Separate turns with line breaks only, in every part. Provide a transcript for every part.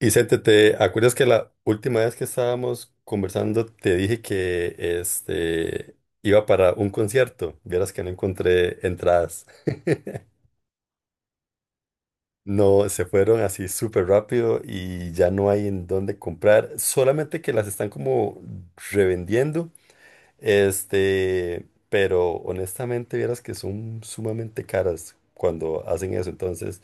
Vicente, ¿te acuerdas que la última vez que estábamos conversando te dije que iba para un concierto? Vieras que no encontré entradas. No, se fueron así súper rápido y ya no hay en dónde comprar. Solamente que las están como revendiendo. Pero honestamente vieras que son sumamente caras cuando hacen eso. Entonces,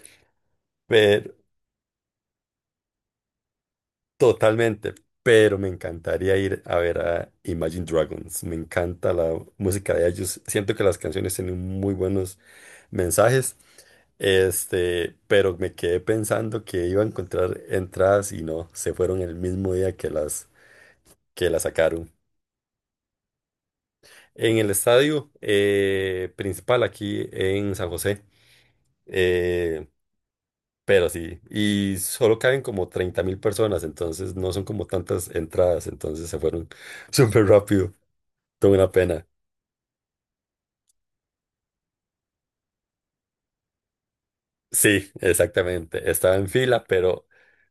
totalmente, pero me encantaría ir a ver a Imagine Dragons. Me encanta la música de ellos. Siento que las canciones tienen muy buenos mensajes. Pero me quedé pensando que iba a encontrar entradas y no, se fueron el mismo día que las sacaron. En el estadio principal aquí en San José, eh, pero sí, y solo caben como 30.000 personas, entonces no son como tantas entradas, entonces se fueron súper rápido. Tuve una pena. Sí, exactamente. Estaba en fila, pero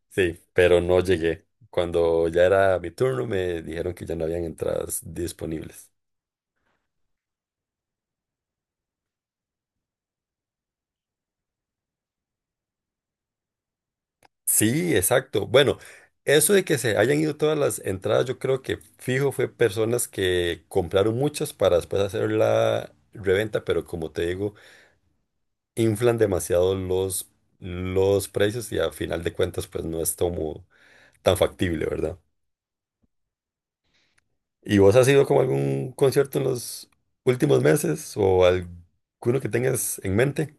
sí, pero no llegué. Cuando ya era mi turno, me dijeron que ya no habían entradas disponibles. Sí, exacto. Bueno, eso de que se hayan ido todas las entradas, yo creo que fijo fue personas que compraron muchas para después hacer la reventa, pero como te digo, inflan demasiado los precios y al final de cuentas, pues no es como tan factible, ¿verdad? ¿Y vos has ido como a algún concierto en los últimos meses o alguno que tengas en mente?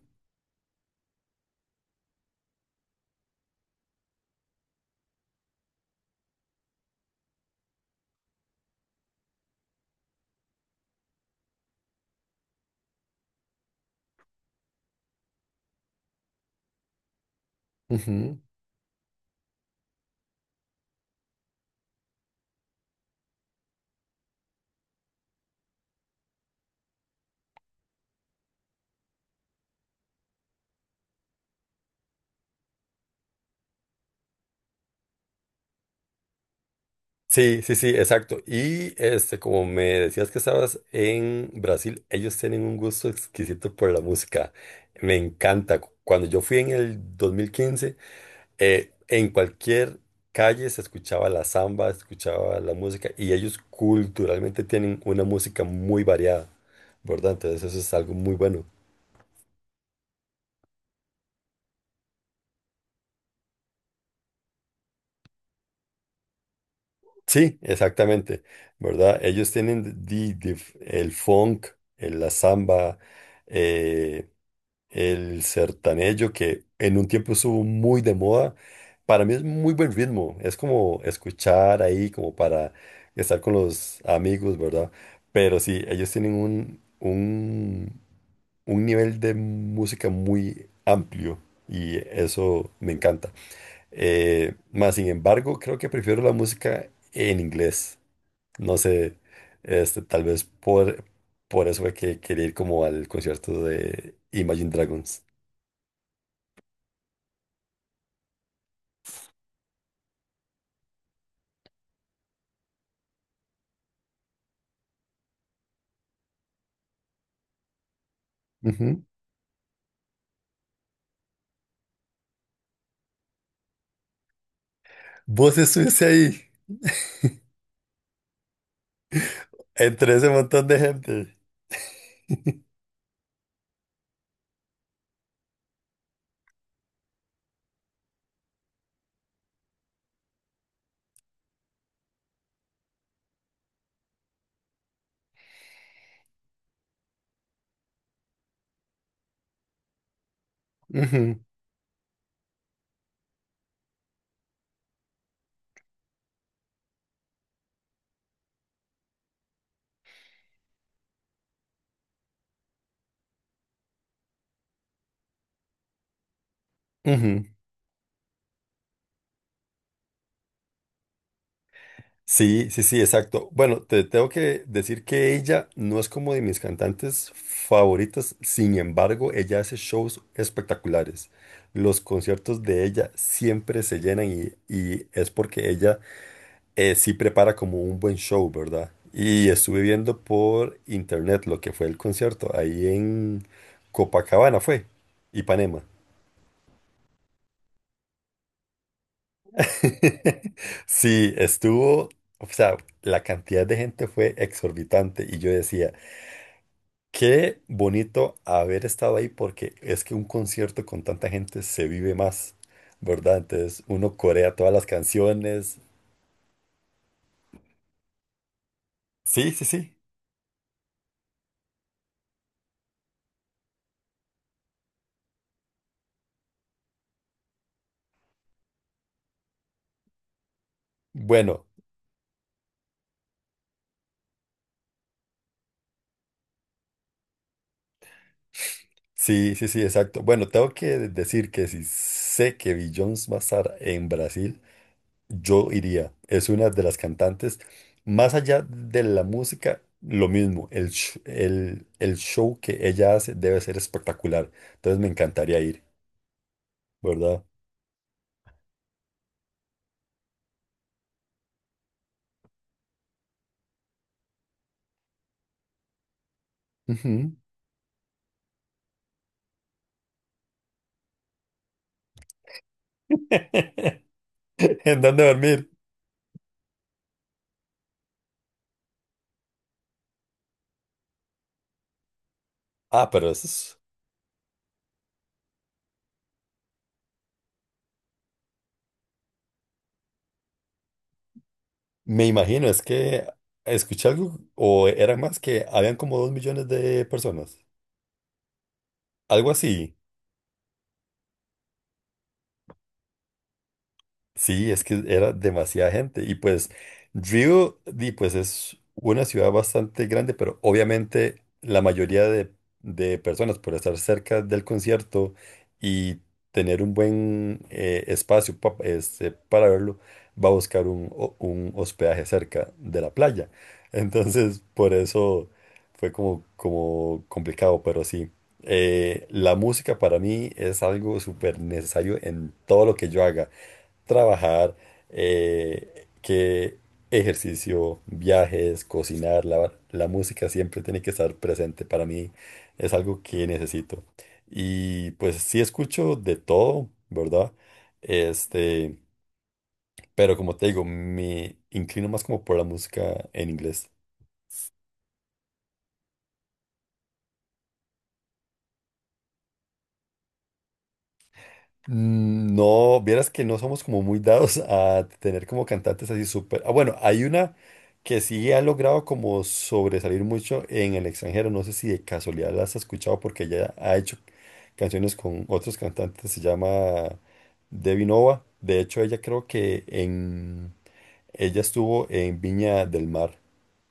Ujú. Sí, sí, sí, exacto. Y como me decías que estabas en Brasil, ellos tienen un gusto exquisito por la música. Me encanta. Cuando yo fui en el 2015, en cualquier calle se escuchaba la samba, se escuchaba la música y ellos culturalmente tienen una música muy variada, ¿verdad? Entonces eso es algo muy bueno. Sí, exactamente, ¿verdad? Ellos tienen el funk, la samba, eh, el sertanejo, que en un tiempo estuvo muy de moda. Para mí es muy buen ritmo, es como escuchar ahí, como para estar con los amigos, ¿verdad? Pero sí, ellos tienen un nivel de música muy amplio y eso me encanta. Más sin embargo, creo que prefiero la música en inglés. No sé, tal vez por eso fue que quería ir como al concierto de Imagine Dragons. Ujú. Vos estuviste ahí, entre ese montón de gente. Ujú, ujú. Sí, sí, sí, exacto. Bueno, te tengo que decir que ella no es como de mis cantantes favoritas, sin embargo, ella hace shows espectaculares. Los conciertos de ella siempre se llenan y es porque ella sí prepara como un buen show, ¿verdad? Y estuve viendo por internet lo que fue el concierto ahí en Copacabana, fue, Ipanema. Sí, estuvo, o sea, la cantidad de gente fue exorbitante y yo decía, qué bonito haber estado ahí porque es que un concierto con tanta gente se vive más, ¿verdad? Entonces uno corea todas las canciones. Sí, sí, sí. Bueno, sí, sí, sí, exacto. Bueno, tengo que decir que si sé que Beyoncé va a estar en Brasil, yo iría. Es una de las cantantes, más allá de la música, lo mismo. El, el show que ella hace debe ser espectacular. Entonces me encantaría ir, ¿verdad? Ujú. ¿En dónde dormir? Ah, pero eso es, me imagino, es que escuché algo, o eran más que habían como dos millones de personas. Algo así. Sí, es que era demasiada gente. Y pues Río, di, pues es una ciudad bastante grande, pero obviamente la mayoría de personas por estar cerca del concierto y tener un buen espacio para verlo, va a buscar un hospedaje cerca de la playa. Entonces, por eso... fue como, como complicado, pero sí. La música para mí es algo súper necesario en todo lo que yo haga. Trabajar, que ejercicio, viajes, cocinar, lavar. La música siempre tiene que estar presente. Para mí es algo que necesito. Y pues sí escucho de todo, ¿verdad? Este, pero como te digo, me inclino más como por la música en inglés. Mm, no, vieras que no somos como muy dados a tener como cantantes así súper. Ah, bueno, hay una que sí ha logrado como sobresalir mucho en el extranjero. No sé si de casualidad las has escuchado porque ella ha hecho canciones con otros cantantes. Se llama Debbie Nova. De hecho, ella creo que en ella estuvo en Viña del Mar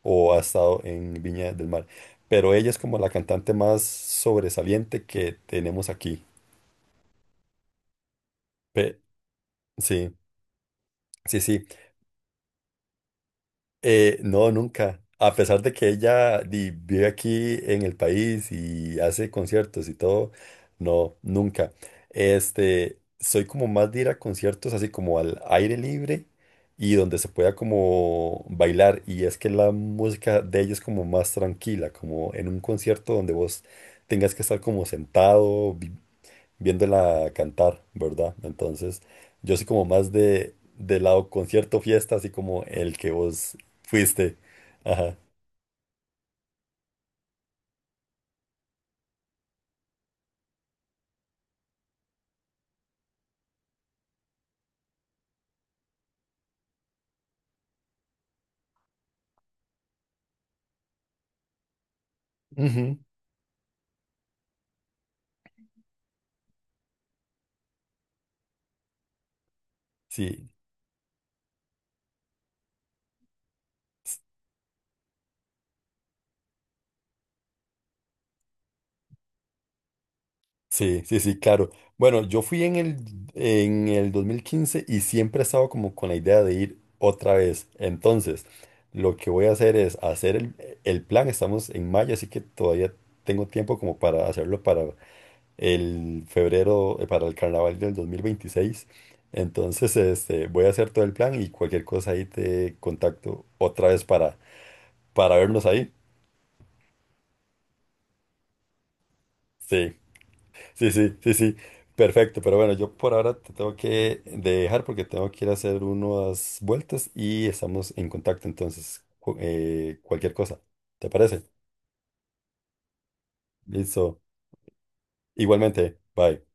o ha estado en Viña del Mar. Pero ella es como la cantante más sobresaliente que tenemos aquí. Pe- sí. Sí, sí. No, nunca. A pesar de que ella vive aquí en el país y hace conciertos y todo, no, nunca. Soy como más de ir a conciertos así como al aire libre y donde se pueda como bailar. Y es que la música de ella es como más tranquila, como en un concierto donde vos tengas que estar como sentado, viéndola cantar, ¿verdad? Entonces, yo soy como más de lado concierto, fiesta, así como el que vos fuiste. Ajá. Ujú. Sí, sí, sí, sí, claro. Bueno, yo fui en el 2015 y siempre he estado como con la idea de ir otra vez. Entonces, lo que voy a hacer es hacer el plan. Estamos en mayo, así que todavía tengo tiempo como para hacerlo para el febrero, para el carnaval del 2026. Entonces, voy a hacer todo el plan y cualquier cosa ahí te contacto otra vez para vernos ahí. Sí. Sí, sí, sí, sí. Perfecto, pero bueno, yo por ahora te tengo que dejar porque tengo que ir a hacer unas vueltas y estamos en contacto. Entonces, cualquier cosa, ¿te parece? Listo. Igualmente, bye.